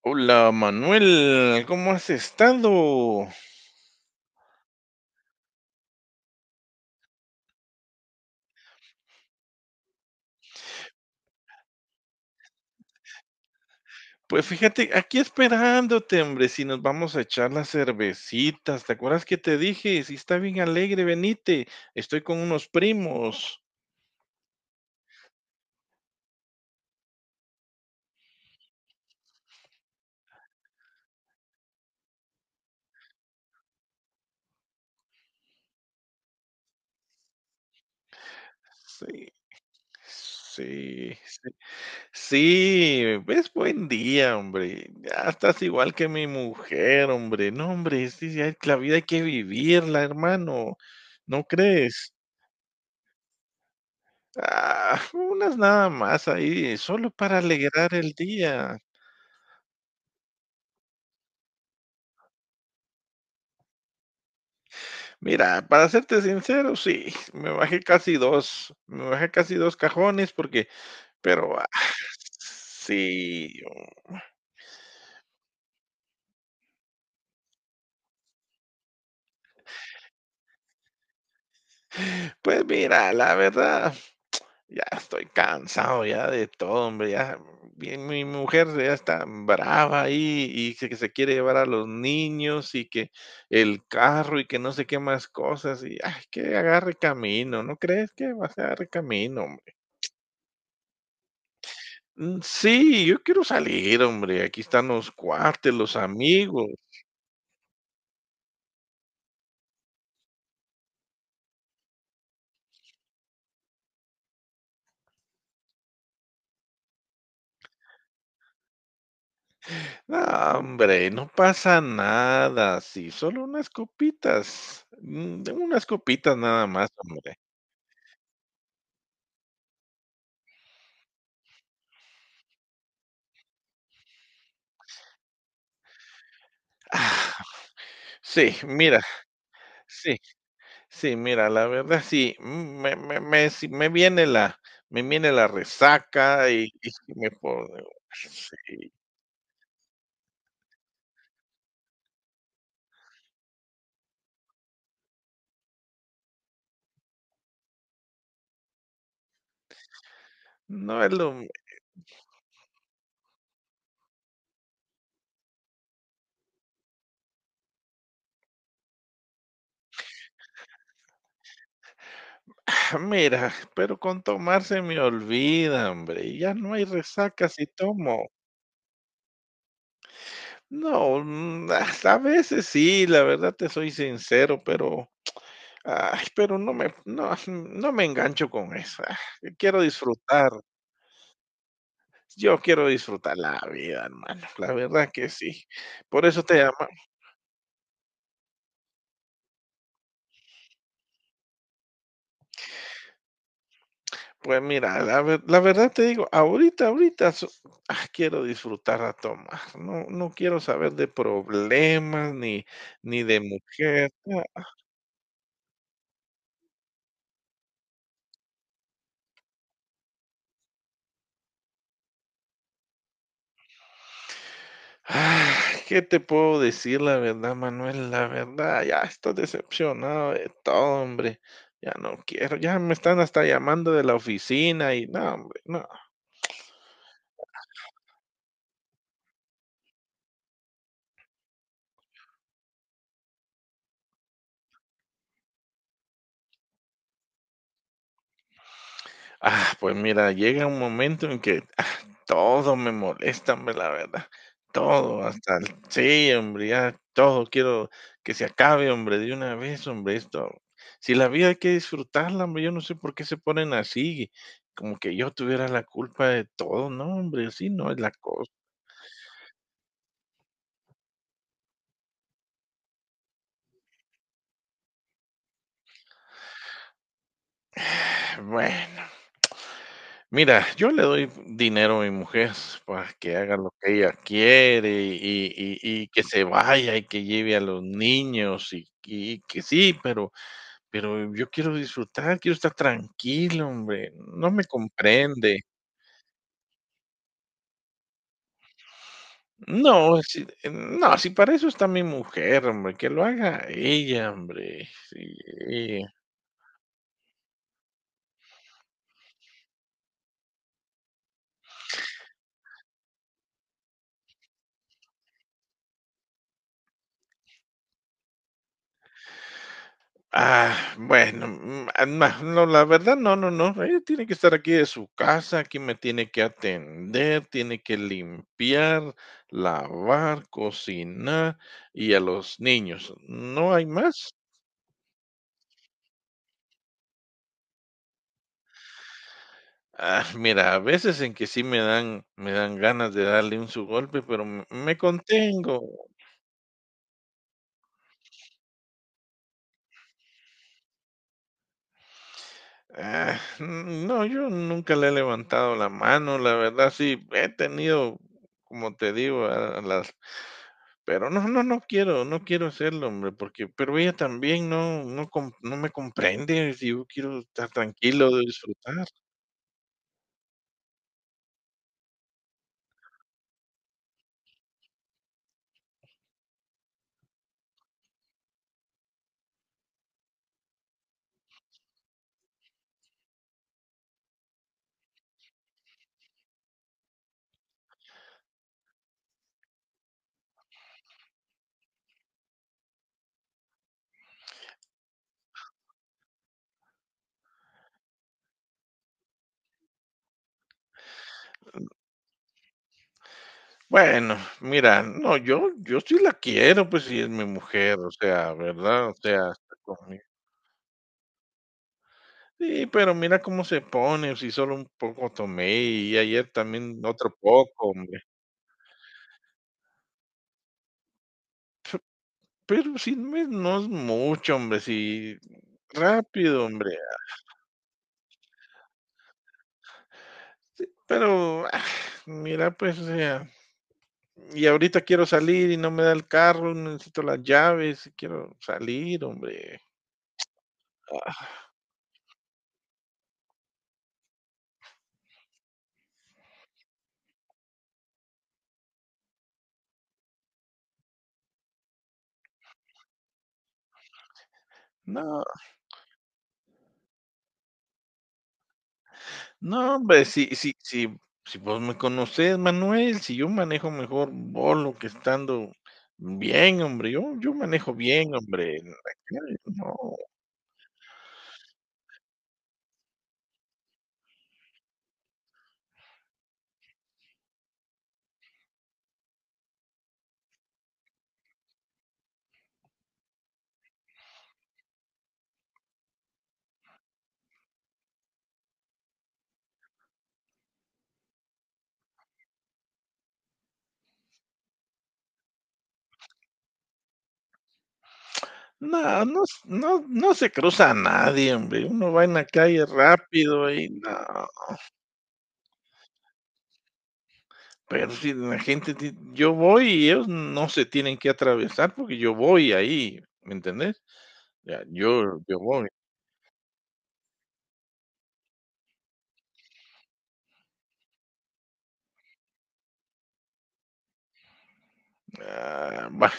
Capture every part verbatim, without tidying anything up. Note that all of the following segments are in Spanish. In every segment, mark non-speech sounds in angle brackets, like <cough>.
Hola Manuel, ¿cómo has estado? Pues fíjate, aquí esperándote, hombre, si nos vamos a echar las cervecitas. ¿Te acuerdas que te dije? Si está bien alegre, venite. Estoy con unos primos. Sí, sí, sí. Sí, es buen día, hombre. Ya estás igual que mi mujer, hombre. No, hombre, sí, sí, hay- la vida hay que vivirla, hermano. ¿No crees? Ah, unas nada más ahí, solo para alegrar el día. Mira, para serte sincero, sí, me bajé casi dos me bajé casi dos cajones porque pero, ah, sí, pues mira, la verdad, ya estoy cansado ya de todo, hombre, ya, mi mi mujer ya está brava ahí, y que que se quiere llevar a los niños, y que el carro, y que no sé qué más cosas, y, ay, que agarre camino, ¿no crees que va a agarre camino, hombre? Mm, sí, yo quiero salir, hombre, aquí están los cuartos, los amigos. No, hombre, no pasa nada, sí, solo unas copitas, mm, unas copitas nada más, hombre. Ah, sí, mira, sí. Sí, mira, la verdad sí, mm, me me me sí me viene la me viene la resaca y y sí me pongo sí. No es lo mi- <sighs> Mira, pero con tomar se me olvida, hombre, y ya no hay resaca si tomo. No, mm, <laughs> a veces sí, la verdad te soy sincero, pero, ay, pero no me no no me engancho con eso, ah, yo quiero disfrutar, yo quiero disfrutar la vida, hermano, la verdad que sí. Por eso te llamaba. Pues mira, la ver la verdad te digo, ahorita, ahorita so- ah, quiero disfrutar a tomar, no no quiero saber de problemas ni ni de mujer. Ah, ¿Qué te puedo decir la verdad, Manuel? La verdad, ya estoy decepcionado de todo, hombre. Ya no quiero, ya me están hasta llamando de la oficina y no, hombre, no. Ah, pues mira, llega un momento en que, ah, todo me molesta, hombre, la verdad. Todo, oh, hasta el sí, hombre, ya todo quiero que se acabe, hombre, de una vez, hombre, esto. Si la vida hay que disfrutarla, hombre, yo no sé por qué se ponen así, como que yo tuviera la culpa de todo. No, hombre, así no es la cosa. <sighs> Bueno. Mira, yo le doy dinero a mi mujer para que haga lo que ella quiere y y y que se vaya y que lleve a los niños y y que sí, pero pero yo quiero disfrutar, quiero estar tranquilo, hombre, no me comprende. No, si no, si para eso está mi mujer, hombre, que lo haga ella, hombre, sí. Ah, bueno, mm, ah, na No, la verdad, no, no, no. Ella tiene que estar aquí de su casa, aquí me tiene que atender, tiene que limpiar, lavar, cocinar y a los niños, ¿no hay más? Ah, mira, a veces en que sí me dan me dan ganas de darle un su golpe, pero m- me contengo. Ah, no, yo nunca le he levantado la mano, la verdad, sí, he tenido, como te digo, a a las- Pero no, no, no quiero, no quiero hacerlo, hombre, porque pero ella también no no com no me comprende, si yo quiero estar tranquilo, de disfrutar. Bueno, mira, no, yo yo sí la quiero, pues, si es mi mujer, o sea, ¿verdad? O sea, está conmigo. Sí, pero mira cómo se pone, si solo un poco tomé y ayer también otro poco, hombre. Pero si no es no es mucho, hombre, si rápido, hombre. Sí, pero, ah, mira, pues, o sea- Y ahorita quiero salir y no me da el carro, necesito las llaves, quiero salir, hombre. Ah, no. No, hombre, si si si si vos me conocés, Manuel, si yo manejo mejor bolo que estando bien, hombre, yo yo manejo bien, hombre. En la calle, no. No, no s No, no se cruza a nadie, hombre. Uno va en la calle rápido y no, pero si la gente ti- yo voy y ellos no se tienen que atravesar porque yo voy ahí, ¿me entendés? Ya, yo yo voy, ah, bah,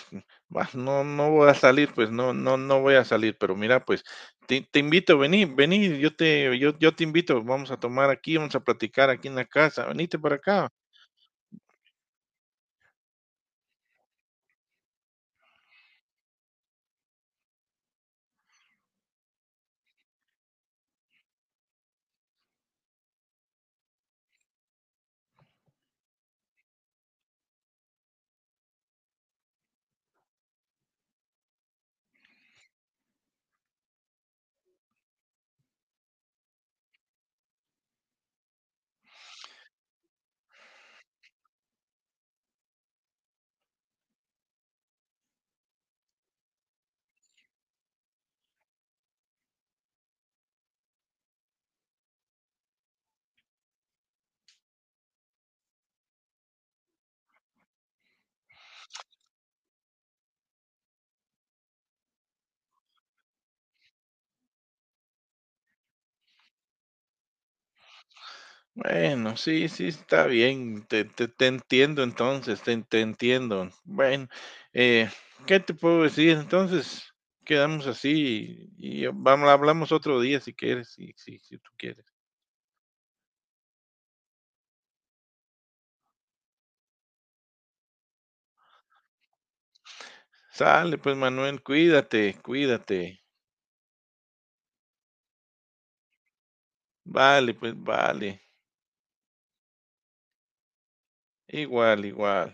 bah, <laughs> no no voy a salir, pues, no no no voy a salir, pero mira, pues, te te invito, vení vení, yo te yo yo te invito, vamos a tomar aquí, vamos a platicar aquí en la casa, venite para acá. Bueno, sí, sí, está bien, te te te entiendo entonces, te te entiendo. Bueno, eh, ¿qué te puedo decir? Entonces, quedamos así y y vamos, hablamos otro día si quieres, si si si tú quieres. Sale, pues, Manuel, cuídate, cuídate. Vale, pues vale. Igual, igual.